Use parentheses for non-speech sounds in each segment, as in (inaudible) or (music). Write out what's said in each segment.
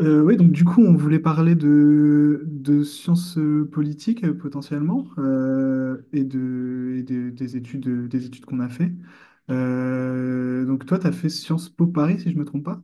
Oui, donc du coup, on voulait parler de sciences politiques, potentiellement, et des études qu'on a fait. Donc toi, tu as fait Sciences Po Paris, si je me trompe pas.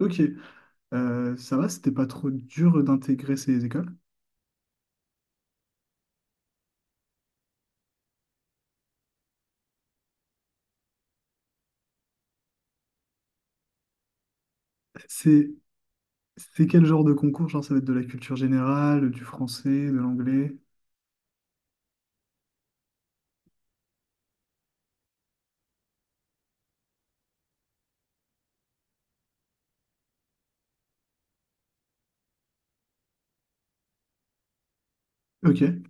Ok. Ça va, c'était pas trop dur d'intégrer ces écoles. C'est c'est quel genre de concours? Genre, ça va être de la culture générale, du français, de l'anglais. Ok,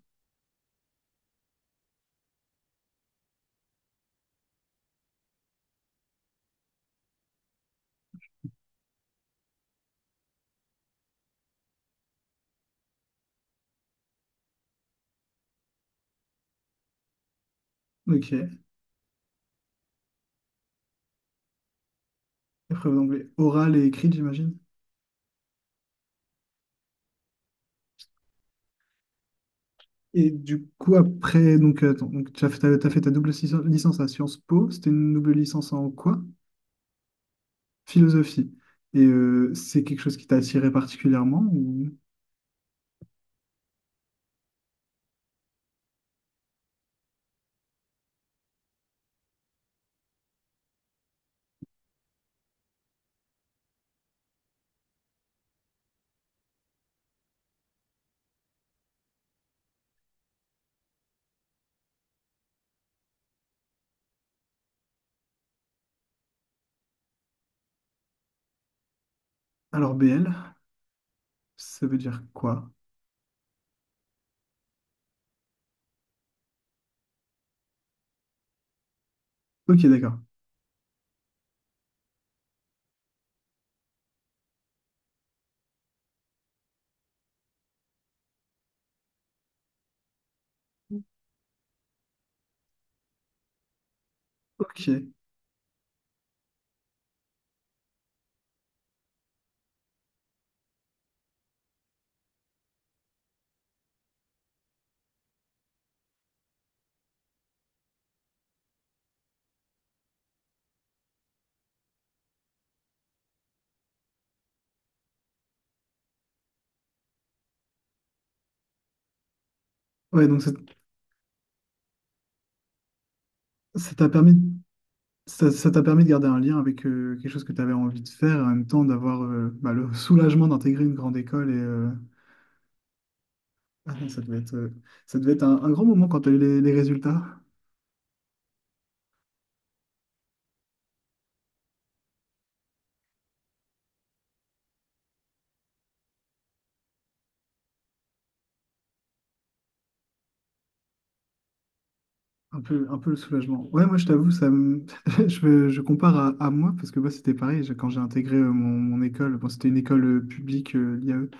ok. Épreuve d'anglais orale et écrite, j'imagine. Et du coup, après, donc, attends, donc tu as fait, t'as fait ta licence à Sciences Po. C'était une double licence en quoi? Philosophie. Et c'est quelque chose qui t'a attiré particulièrement ou Alors, BL, ça veut dire quoi? Ok, d'accord. Ok. Ouais, donc ça ça t'a permis. Ça t'a permis de garder un lien avec quelque chose que tu avais envie de faire et en même temps d'avoir bah, le (laughs) soulagement d'intégrer une grande école et ça devait être, ça devait être un grand moment quand tu as eu les résultats. Un peu le soulagement. Ouais, moi je t'avoue, (laughs) je compare à moi parce que moi c'était pareil. Quand j'ai intégré mon, mon école, bon, c'était une école publique, l'IAE,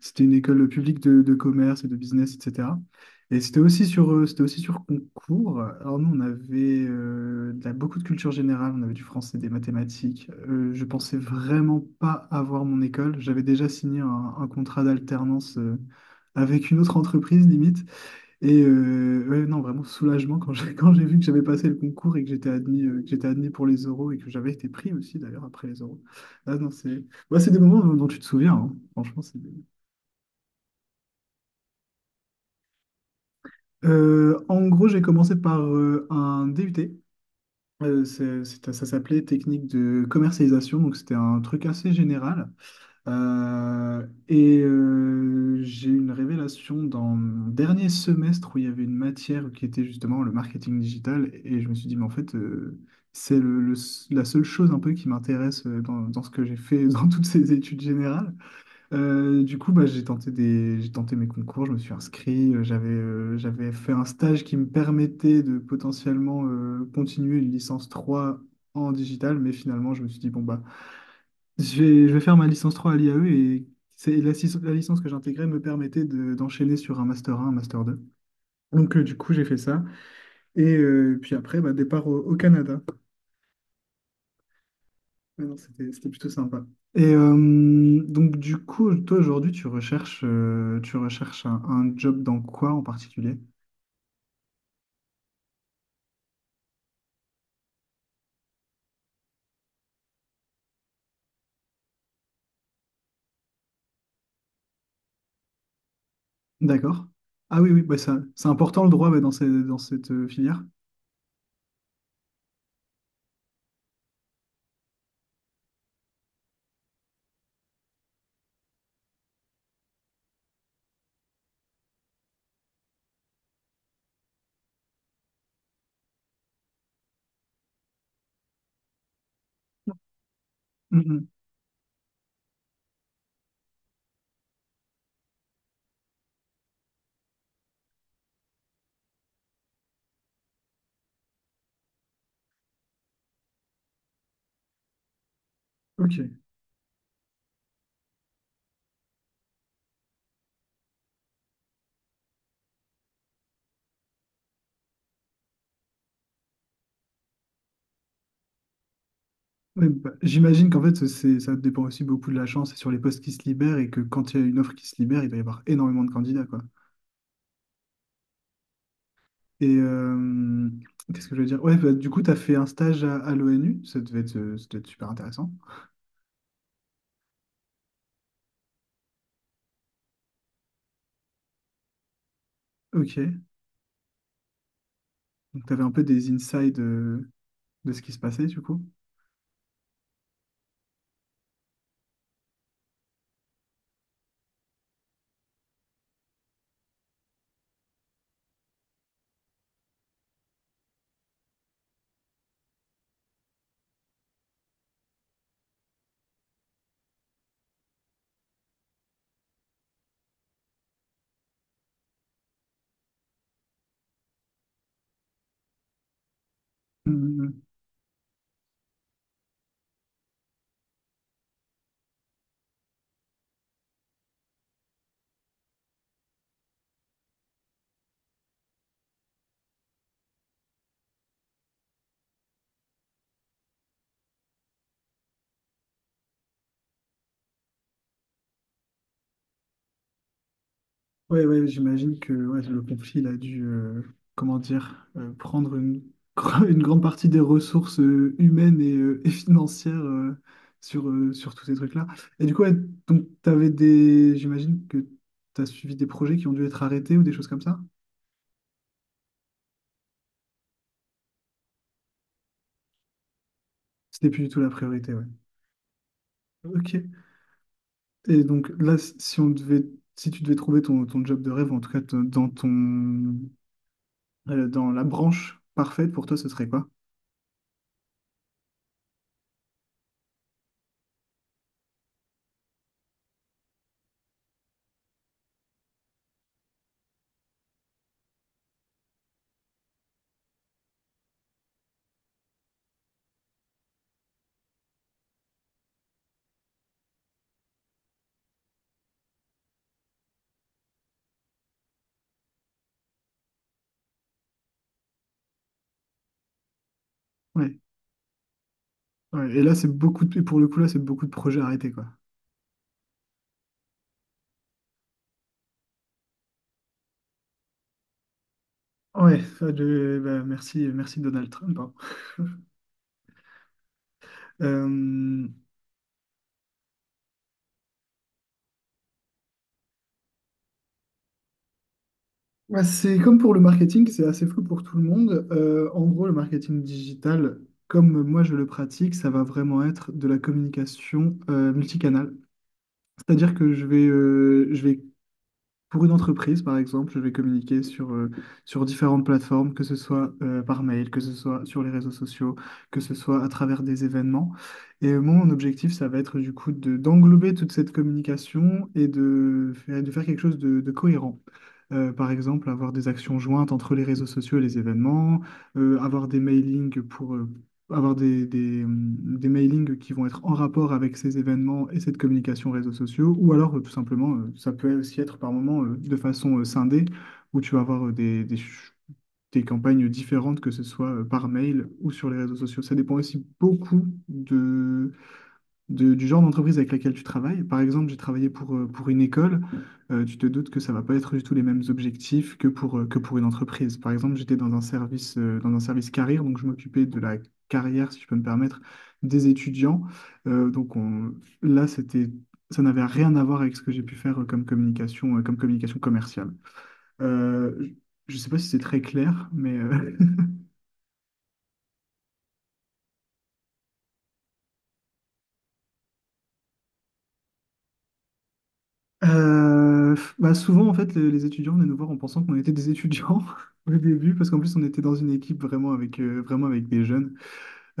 c'était une école publique de commerce et de business, etc. Et c'était aussi c'était aussi sur concours. Alors nous, on avait beaucoup de culture générale, on avait du français, des mathématiques. Je pensais vraiment pas avoir mon école. J'avais déjà signé un contrat d'alternance avec une autre entreprise, limite. Et ouais, non, vraiment soulagement quand j'ai (laughs) quand j'ai vu que j'avais passé le concours et que j'étais admis pour les euros et que j'avais été pris aussi d'ailleurs après les euros. Ah non, c'est bah, c'est des moments dont, dont tu te souviens, hein. Franchement. En gros, j'ai commencé par un DUT. Ça s'appelait technique de commercialisation, donc c'était un truc assez général. J'ai eu une révélation dans mon dernier semestre où il y avait une matière qui était justement le marketing digital. Et je me suis dit, mais en fait, c'est le la seule chose un peu qui m'intéresse dans, dans ce que j'ai fait (laughs) dans toutes ces études générales. Du coup, bah, j'ai tenté mes concours, je me suis inscrit, j'avais fait un stage qui me permettait de potentiellement continuer une licence 3 en digital. Mais finalement, je me suis dit, bon, bah, je vais faire ma licence 3 à l'IAE et c'est la licence que j'intégrais me permettait d'enchaîner sur un master 1, un master deux. Donc du coup, j'ai fait ça. Et puis après, bah, départ au Canada. Ouais, non, c'était plutôt sympa. Et donc du coup, toi aujourd'hui, tu recherches un job dans quoi en particulier? D'accord. Ah oui, oui, bah ça, c'est important le droit ouais, dans cette filière. Mhm. Ok. Ouais, bah, j'imagine qu'en fait, c'est, ça dépend aussi beaucoup de la chance et sur les postes qui se libèrent et que quand il y a une offre qui se libère, il doit y avoir énormément de candidats, quoi. Et qu'est-ce que je veux dire? Ouais, bah, du coup, tu as fait un stage à l'ONU, ça devait être, ça devait être super intéressant. Ok. Donc, tu avais un peu des insights de ce qui se passait, du coup. Oui. Ouais, ouais, j'imagine que ouais, le conflit il a dû, comment dire, prendre une, (laughs) une grande partie des ressources humaines et et financières sur tous ces trucs-là. Et du coup, ouais, donc, j'imagine que tu as suivi des projets qui ont dû être arrêtés ou des choses comme ça? C'était plus du tout la priorité, ouais. Ok. Et donc là, si on si tu devais trouver ton, ton job de rêve, en tout cas dans ton, dans la branche parfaite pour toi, ce serait quoi? Ouais. Ouais. Et là, c'est beaucoup de, et pour le coup, là, c'est beaucoup de projets arrêtés, quoi. Ouais, ça, bah, merci, merci Donald Trump. Hein. Euh, Bah, c'est comme pour le marketing, c'est assez flou pour tout le monde. En gros, le marketing digital, comme moi je le pratique, ça va vraiment être de la communication multicanale. C'est-à-dire que je vais pour une entreprise, par exemple, je vais communiquer sur différentes plateformes, que ce soit par mail, que ce soit sur les réseaux sociaux, que ce soit à travers des événements. Et mon objectif, ça va être du coup de, d'englober toute cette communication et de faire quelque chose de cohérent. Par exemple, avoir des actions jointes entre les réseaux sociaux et les événements, avoir des mailings pour, avoir des mailings qui vont être en rapport avec ces événements et cette communication réseaux sociaux, ou alors tout simplement, ça peut aussi être par moment de façon scindée, où tu vas avoir des campagnes différentes, que ce soit par mail ou sur les réseaux sociaux. Ça dépend aussi beaucoup du genre d'entreprise avec laquelle tu travailles. Par exemple, j'ai travaillé pour une école. Tu te doutes que ça va pas être du tout les mêmes objectifs que que pour une entreprise. Par exemple, j'étais dans un service carrière, donc je m'occupais de la carrière, si je peux me permettre, des étudiants. Euh, donc on- Là, ça n'avait rien à voir avec ce que j'ai pu faire comme communication commerciale. Euh, je ne sais pas si c'est très clair, mais bah souvent, en fait, les étudiants venaient nous voir en pensant qu'on était des étudiants (laughs) au début, parce qu'en plus, on était dans une équipe vraiment vraiment avec des jeunes.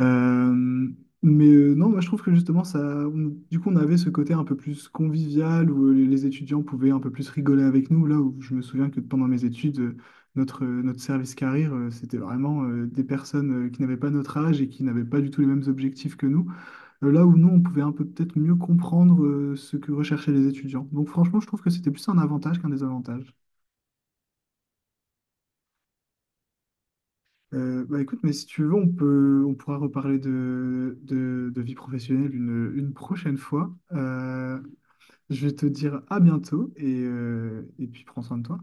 Euh, mais non, moi, je trouve que justement, ça, du coup, on avait ce côté un peu plus convivial où les étudiants pouvaient un peu plus rigoler avec nous. Là où je me souviens que pendant mes études, notre service carrière, c'était vraiment des personnes qui n'avaient pas notre âge et qui n'avaient pas du tout les mêmes objectifs que nous là où nous, on pouvait un peu peut-être mieux comprendre ce que recherchaient les étudiants. Donc franchement, je trouve que c'était plus un avantage qu'un désavantage. Bah écoute, mais si tu veux, on pourra reparler de vie professionnelle une prochaine fois. Je vais te dire à bientôt et et puis prends soin de toi.